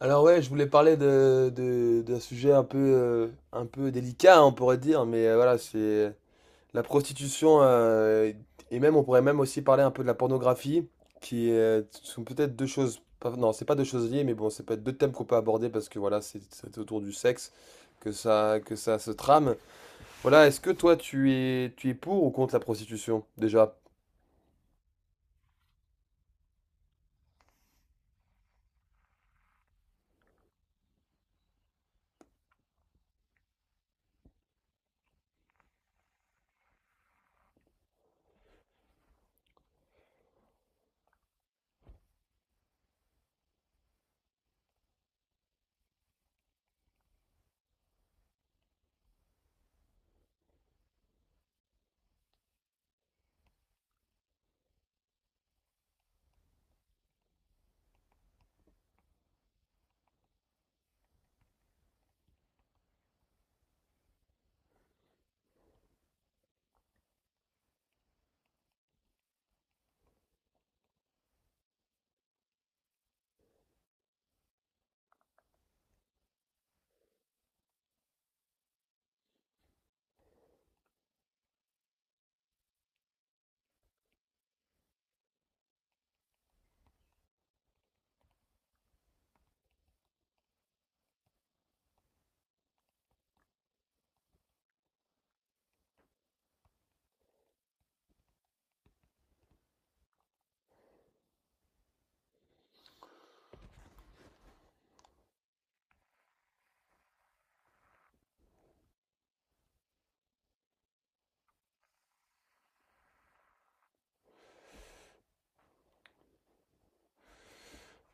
Alors ouais, je voulais parler d'un sujet un peu délicat, hein, on pourrait dire, mais voilà, c'est la prostitution, et même on pourrait même aussi parler un peu de la pornographie, qui sont peut-être deux choses, non, c'est pas deux choses liées, mais bon, c'est peut-être deux thèmes qu'on peut aborder parce que voilà, c'est autour du sexe que ça se trame. Voilà, est-ce que toi tu es pour ou contre la prostitution, déjà?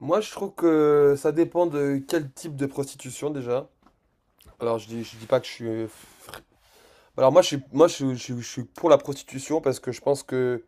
Moi, je trouve que ça dépend de quel type de prostitution déjà. Alors, je dis pas que je suis. Alors moi je suis pour la prostitution parce que je pense que,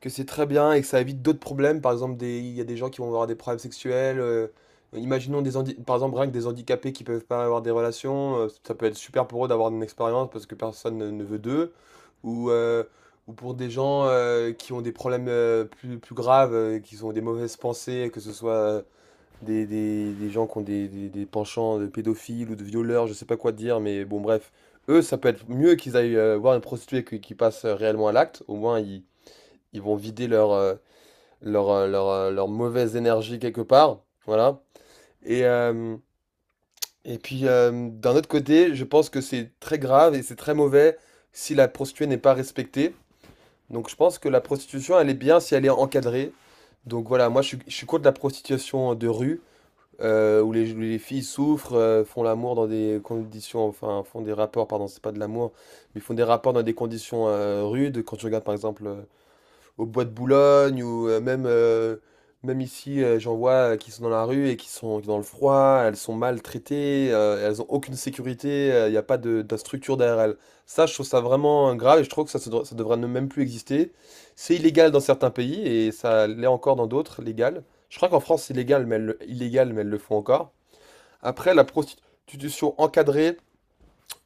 que c'est très bien et que ça évite d'autres problèmes. Par exemple, il y a des gens qui vont avoir des problèmes sexuels. Imaginons par exemple rien que des handicapés qui peuvent pas avoir des relations. Ça peut être super pour eux d'avoir une expérience parce que personne ne veut d'eux. Ou, euh, ou pour des gens qui ont des problèmes plus graves, qui ont des mauvaises pensées, que ce soit des gens qui ont des penchants de pédophiles ou de violeurs, je sais pas quoi te dire, mais bon, bref. Eux, ça peut être mieux qu'ils aillent voir une prostituée qui passe réellement à l'acte. Au moins, ils vont vider leur mauvaise énergie quelque part. Voilà. Et, euh, et puis, d'un autre côté, je pense que c'est très grave et c'est très mauvais si la prostituée n'est pas respectée. Donc, je pense que la prostitution, elle est bien si elle est encadrée. Donc voilà, moi je suis contre la prostitution de rue où les filles souffrent, font l'amour dans des conditions, enfin font des rapports, pardon, c'est pas de l'amour, mais font des rapports dans des conditions rudes. Quand tu regardes par exemple au Bois de Boulogne ou même ici, j'en vois qui sont dans la rue et qui sont dans le froid, elles sont maltraitées, elles ont aucune sécurité, il n'y a pas de structure derrière elles. Ça, je trouve ça vraiment grave et je trouve que ça devrait ne même plus exister. C'est illégal dans certains pays et ça l'est encore dans d'autres, légal. Je crois qu'en France, c'est légal, mais illégal, mais elles le font encore. Après, la prostitution encadrée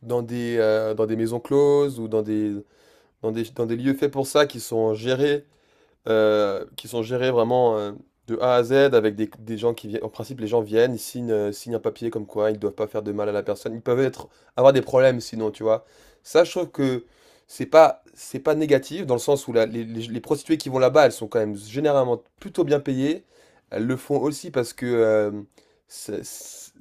dans des maisons closes ou dans des lieux faits pour ça qui sont gérés vraiment, de A à Z avec des gens qui viennent. En principe, les gens viennent, ils signent un papier comme quoi ils ne doivent pas faire de mal à la personne. Ils peuvent être, avoir des problèmes sinon, tu vois. Ça, je trouve que c'est pas négatif dans le sens où les prostituées qui vont là-bas, elles sont quand même généralement plutôt bien payées. Elles le font aussi parce que c'est- c'est-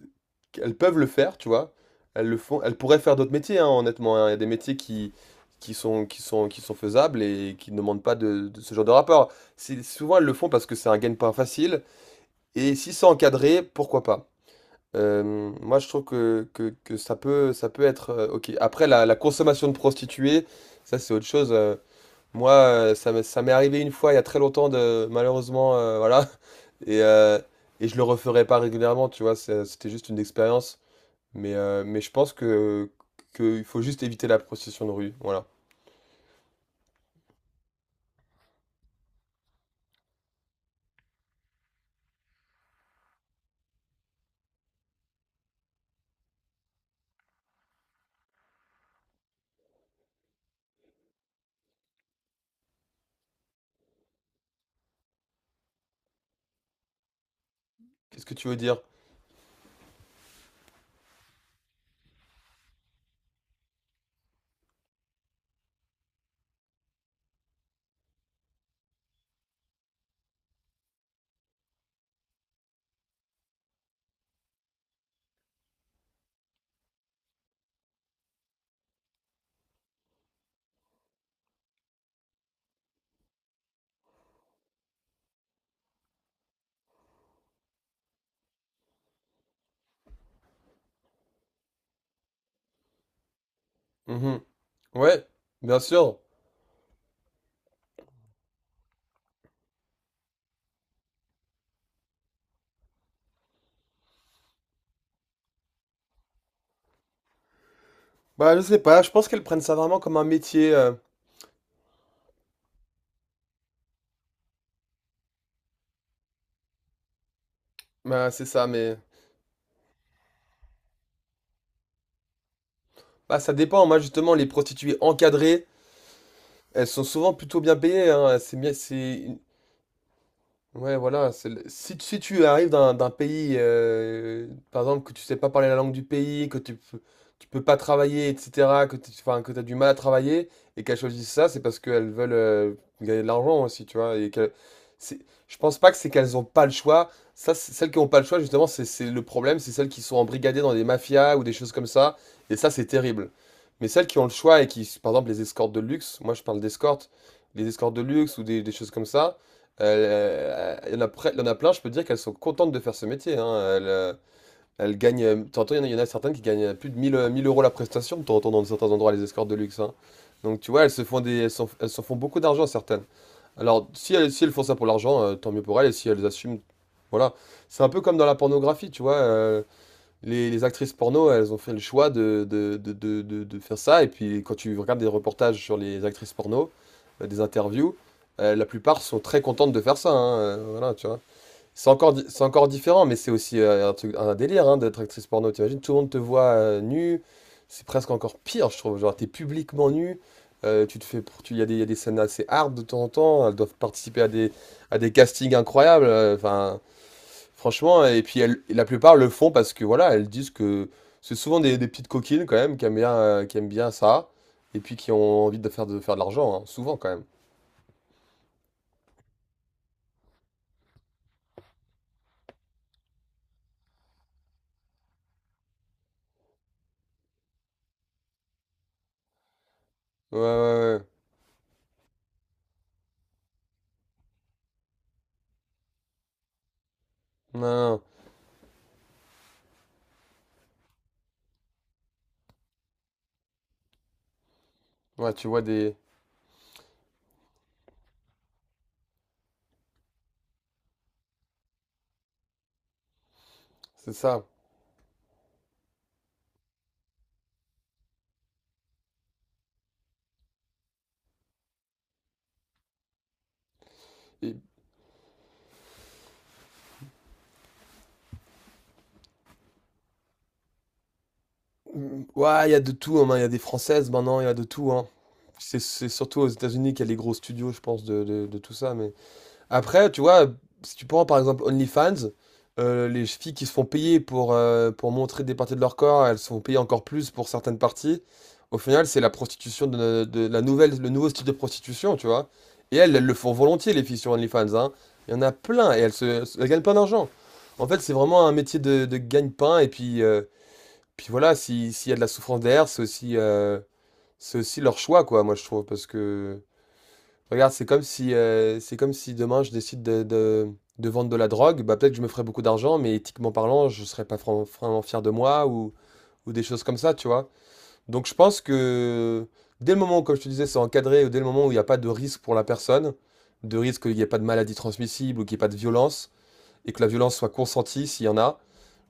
elles peuvent le faire, tu vois. Elles le font. Elles pourraient faire d'autres métiers, hein, honnêtement. Hein. Il y a des métiers qui sont faisables et qui ne demandent pas de ce genre de rapport. Souvent, elles le font parce que c'est un gagne-pain facile. Et si c'est encadré, pourquoi pas? Moi, je trouve que ça peut être OK. Après, la consommation de prostituées, ça, c'est autre chose. Moi, ça m'est arrivé une fois il y a très longtemps, malheureusement, voilà. Et, euh, et je le referai pas régulièrement, tu vois. C'était juste une expérience. Mais je pense qu'il faut juste éviter la prostitution de rue. Voilà. Qu'est-ce que tu veux dire? Mhm. Ouais, bien sûr. Bah, je sais pas, je pense qu'elles prennent ça vraiment comme un métier. Bah, c'est ça, mais. Bah, ça dépend. Moi, justement, les prostituées encadrées, elles sont souvent plutôt bien payées. Hein. C'est bien, c'est. Ouais, voilà. Si tu arrives d'un pays, par exemple, que tu sais pas parler la langue du pays, tu peux pas travailler, etc., enfin, que t'as du mal à travailler, et qu'elles choisissent ça, c'est parce qu'elles veulent gagner de l'argent aussi, tu vois. C'est, je pense pas que c'est qu'elles ont pas le choix. Ça, celles qui ont pas le choix, justement, c'est le problème, c'est celles qui sont embrigadées dans des mafias ou des choses comme ça. Et ça, c'est terrible. Mais celles qui ont le choix et qui, par exemple, les escortes de luxe, moi je parle d'escortes, les escortes de luxe ou des choses comme ça. Il y en a plein, je peux dire qu'elles sont contentes de faire ce métier. Hein. Elles, euh, elles gagnent. T'entends, il y en a certaines qui gagnent plus de 1000 1000 euros la prestation. T'entends dans certains endroits les escortes de luxe. Hein. Donc tu vois, elles se font des, elles s'en font beaucoup d'argent certaines. Alors si elles font ça pour l'argent, tant mieux pour elles. Et si elles assument, voilà. C'est un peu comme dans la pornographie, tu vois. Les actrices porno, elles ont fait le choix de faire ça. Et puis, quand tu regardes des reportages sur les actrices porno, des interviews, la plupart sont très contentes de faire ça. Hein, voilà, tu vois. C'est encore différent, mais c'est aussi un truc, un délire, hein, d'être actrice porno. T'imagines, tout le monde te voit nue. C'est presque encore pire, je trouve. Genre, t'es publiquement nue. Tu te fais, pr- tu, Il y a des scènes assez hard de temps en temps. Elles doivent participer à des castings incroyables. Enfin, franchement, et puis la plupart le font parce que voilà, elles disent que c'est souvent des petites coquines quand même qui aiment bien ça. Et puis qui ont envie de faire de l'argent, hein, souvent quand même. Ouais, ouais, ouais. Non, non. Ouais, tu vois des. C'est ça. Mmh, ouais, il y a de tout, hein, il y a des françaises maintenant, il y a de tout, hein. C'est surtout aux États-Unis qu'il y a les gros studios, je pense, de tout ça. Mais après, tu vois, si tu prends par exemple OnlyFans, les filles qui se font payer pour montrer des parties de leur corps, elles se font payer encore plus pour certaines parties. Au final, c'est la prostitution de la nouvelle, le nouveau style de prostitution, tu vois. Et elles le font volontiers, les filles sur OnlyFans, hein. Il y en a plein et elles gagnent plein d'argent. En fait, c'est vraiment un métier de gagne-pain et puis, voilà, s'il y a de la souffrance derrière, c'est aussi leur choix, quoi, moi je trouve. Parce que, regarde, c'est comme si demain je décide de vendre de la drogue, bah peut-être que je me ferais beaucoup d'argent, mais éthiquement parlant, je serais pas vraiment fier de moi ou des choses comme ça, tu vois. Donc je pense que dès le moment où, comme je te disais, c'est encadré, ou dès le moment où il n'y a pas de risque pour la personne, de risque qu'il n'y ait pas de maladie transmissible ou qu'il n'y ait pas de violence, et que la violence soit consentie s'il y en a,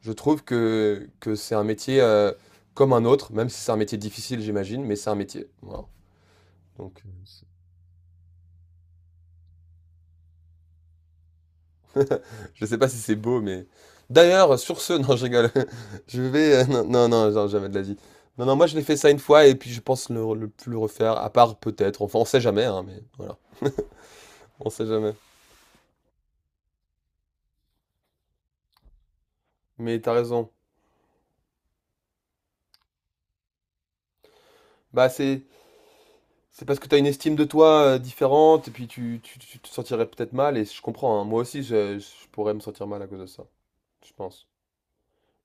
je trouve que c'est un métier comme un autre, même si c'est un métier difficile, j'imagine, mais c'est un métier. Voilà. Donc, euh, je sais pas si c'est beau, mais. D'ailleurs, sur ce, non, je rigole. Je vais. Non, non, non, non, jamais de la vie. Non, non, moi, je l'ai fait ça une fois et puis je pense le plus le refaire, à part peut-être. Enfin, on sait jamais, hein, mais voilà. On sait jamais. Mais t'as raison. Bah, c'est. C'est parce que t'as une estime de toi différente et puis tu te sentirais peut-être mal et je comprends, hein. Moi aussi, je pourrais me sentir mal à cause de ça, je pense.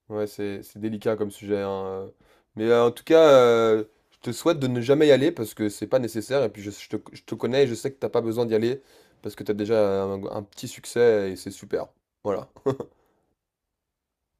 Ouais, c'est délicat comme sujet, hein. Mais en tout cas, je te souhaite de ne jamais y aller parce que c'est pas nécessaire. Et puis je te connais et je sais que t'as pas besoin d'y aller parce que t'as déjà un petit succès et c'est super. Voilà.